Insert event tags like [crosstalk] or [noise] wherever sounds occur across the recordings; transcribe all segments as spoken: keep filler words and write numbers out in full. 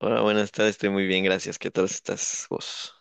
Hola, buenas tardes, estoy muy bien, gracias. ¿Qué tal estás vos?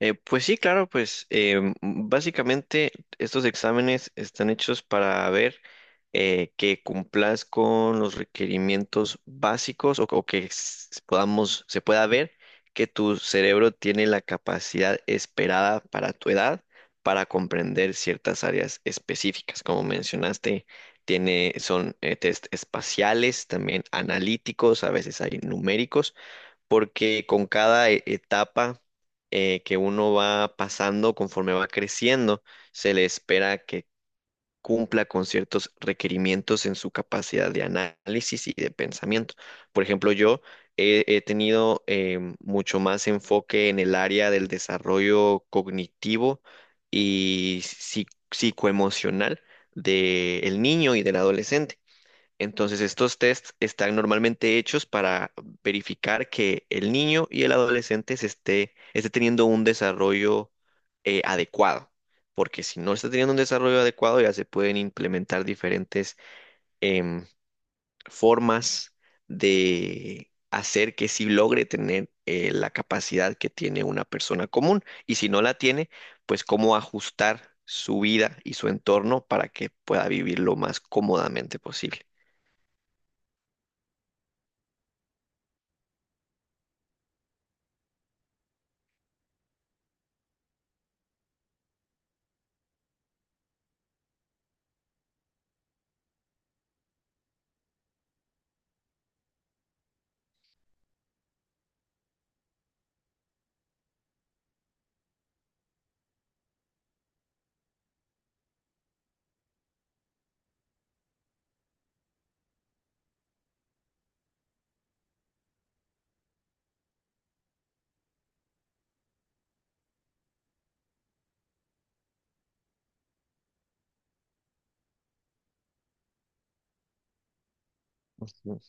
Eh, pues sí, claro, pues em, básicamente estos exámenes están hechos para ver eh, que cumplas con los requerimientos básicos o, o que s- podamos, se pueda ver que tu cerebro tiene la capacidad esperada para tu edad para comprender ciertas áreas específicas. Como mencionaste, tiene, son eh, test espaciales, también analíticos, a veces hay numéricos. Porque con cada e- etapa eh, que uno va pasando, conforme va creciendo, se le espera que cumpla con ciertos requerimientos en su capacidad de análisis y de pensamiento. Por ejemplo, yo he, he tenido em, mucho más enfoque en el área del desarrollo cognitivo y psi- psicoemocional del niño y del adolescente. Entonces, estos tests están normalmente hechos para verificar que el niño y el adolescente se esté, esté teniendo un desarrollo eh, adecuado, porque si no está teniendo un desarrollo adecuado, ya se pueden implementar diferentes em, formas de hacer que sí logre tener eh, la capacidad que tiene una persona común, y si no la tiene, pues cómo ajustar su vida y su entorno para que pueda vivir lo más cómodamente posible. Ujú.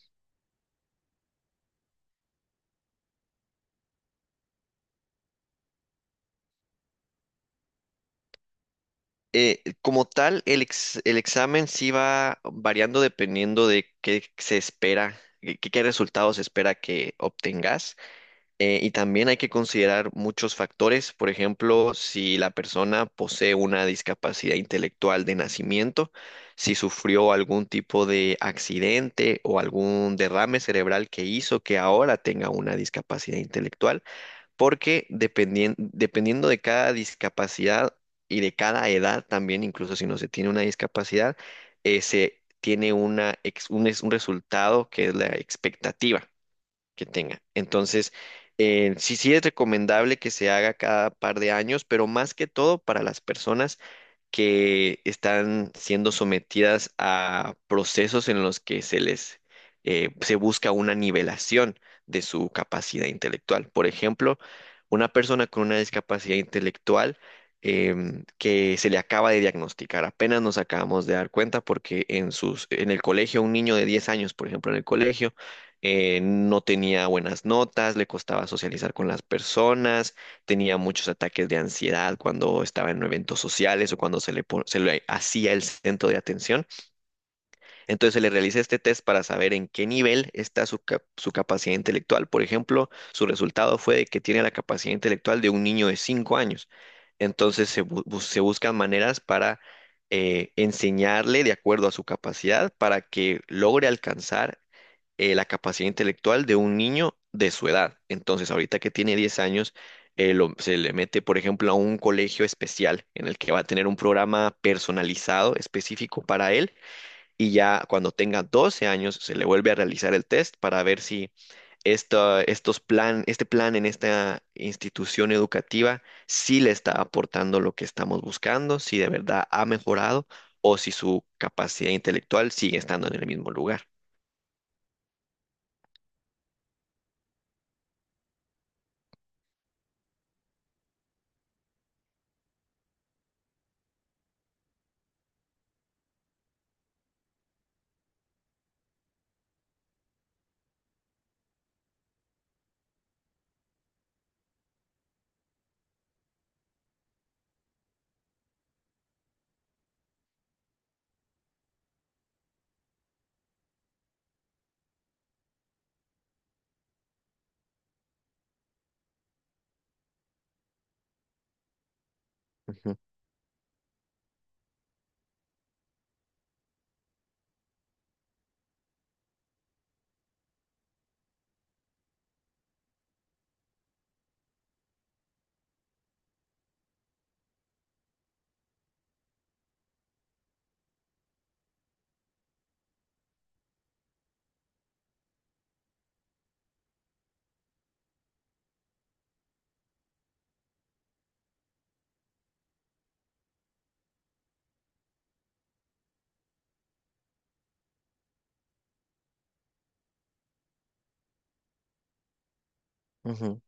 eh, Como tal, el, ex- el examen sí va variando dependiendo de qué se espera, qué, qué resultados se espera que obtengas. Eh, y también hay que considerar muchos factores, por ejemplo, si la persona posee una discapacidad intelectual de nacimiento, si sufrió algún tipo de accidente o algún derrame cerebral que hizo que ahora tenga una discapacidad intelectual, porque dependien- dependiendo de cada discapacidad y de cada edad también, incluso si no se tiene una discapacidad, eh, se tiene una, ex- un, es- un resultado que es la expectativa que tenga. Entonces, eh, sí, sí es recomendable que se haga cada par de años, pero más que todo para las personas que están siendo sometidas a procesos en los que se les eh, se busca una nivelación de su capacidad intelectual. Por ejemplo, una persona con una discapacidad intelectual em, que se le acaba de diagnosticar, apenas nos acabamos de dar cuenta porque en sus, en el colegio, un niño de diez años, por ejemplo, en el colegio, eh, no tenía buenas notas, le costaba socializar con las personas, tenía muchos ataques de ansiedad cuando estaba en eventos sociales o cuando se le, po- se le hacía el centro de atención. Entonces se le realiza este test para saber en qué nivel está su, cap- su capacidad intelectual. Por ejemplo, su resultado fue de que tiene la capacidad intelectual de un niño de cinco años. Entonces se, bu- bu- se buscan maneras para eh, enseñarle de acuerdo a su capacidad para que logre alcanzar eh, la capacidad intelectual de un niño de su edad. Entonces, ahorita que tiene diez años, eh, lo- se le mete, por ejemplo, a un colegio especial en el que va a tener un programa personalizado específico para él, y ya cuando tenga doce años se le vuelve a realizar el test para ver si esta- estos plan, este plan en esta institución educativa sí le está aportando lo que estamos buscando, si de verdad ha mejorado o si su capacidad intelectual sigue estando en el mismo lugar. Ujú, ujú.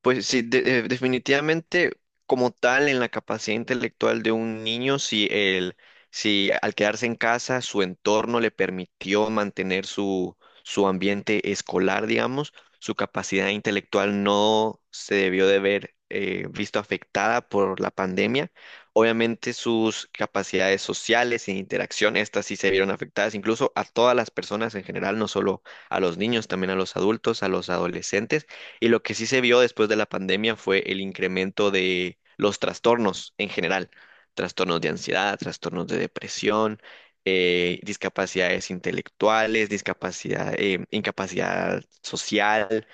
Pues sí, de- eh, definitivamente, como tal en la capacidad intelectual de un niño, si el, si al quedarse en casa su entorno le permitió mantener su, su ambiente escolar, digamos, su capacidad intelectual no se debió de ver eh, visto afectada por la pandemia. Obviamente sus capacidades sociales e interacción, estas sí se vieron afectadas, incluso a todas las personas en general, no solo a los niños, también a los adultos, a los adolescentes. Y lo que sí se vio después de la pandemia fue el incremento de los trastornos en general, trastornos de ansiedad, trastornos de depresión, eh, discapacidades intelectuales, discapacidad, eh, incapacidad social,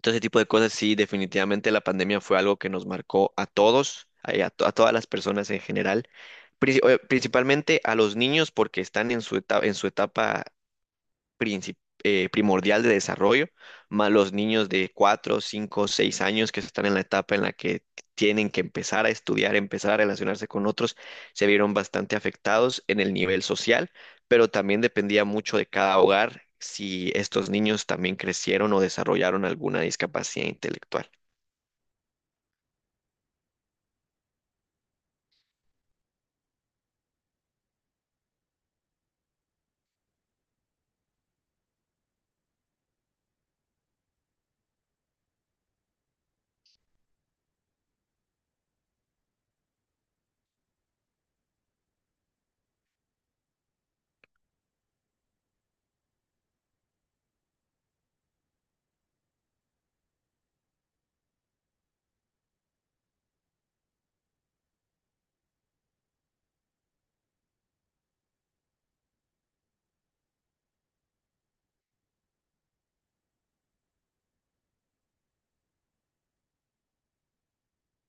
todo ese tipo de cosas. Sí, definitivamente la pandemia fue algo que nos marcó a todos, a, a to- a todas las personas en general. princi- eh, Principalmente a los niños porque están en su etapa, en su etapa princip- eh, primordial de desarrollo, más los niños de cuatro, cinco, seis años que están en la etapa en la que tienen que empezar a estudiar, empezar a relacionarse con otros, se vieron bastante afectados en el nivel social, pero también dependía mucho de cada hogar si estos niños también crecieron o desarrollaron alguna discapacidad intelectual.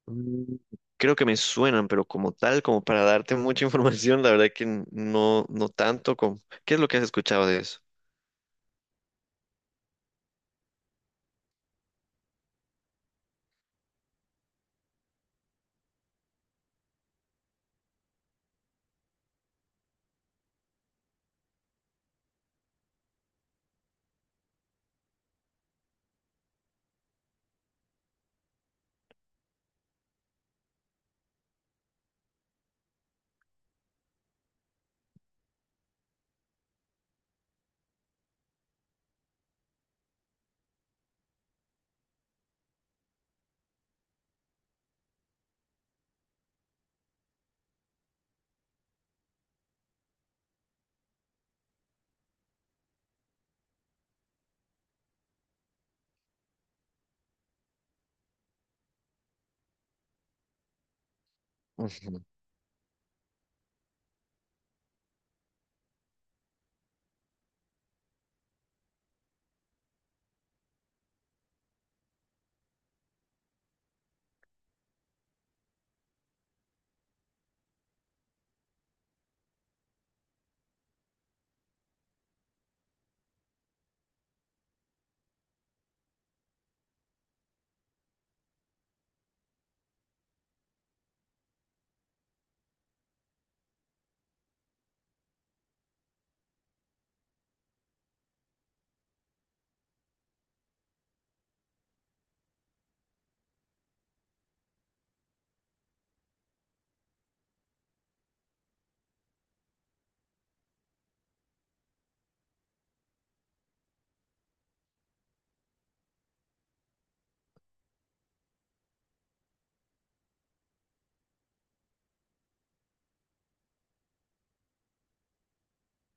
Mm, creo que me suenan, pero como tal, como para darte mucha [laughs] información, la verdad que no, no tanto. como- ¿Qué es lo que has escuchado de eso? Ujú,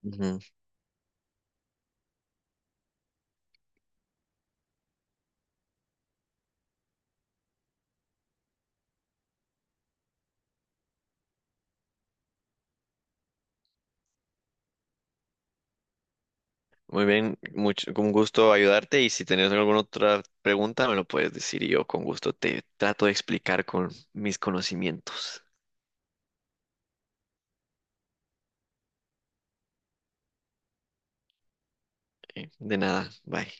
ujú. Muy bien, mucho, con gusto ayudarte, y si tenés alguna otra pregunta me lo puedes decir y yo con gusto te trato de explicar con mis conocimientos. Eh, De nada, bye.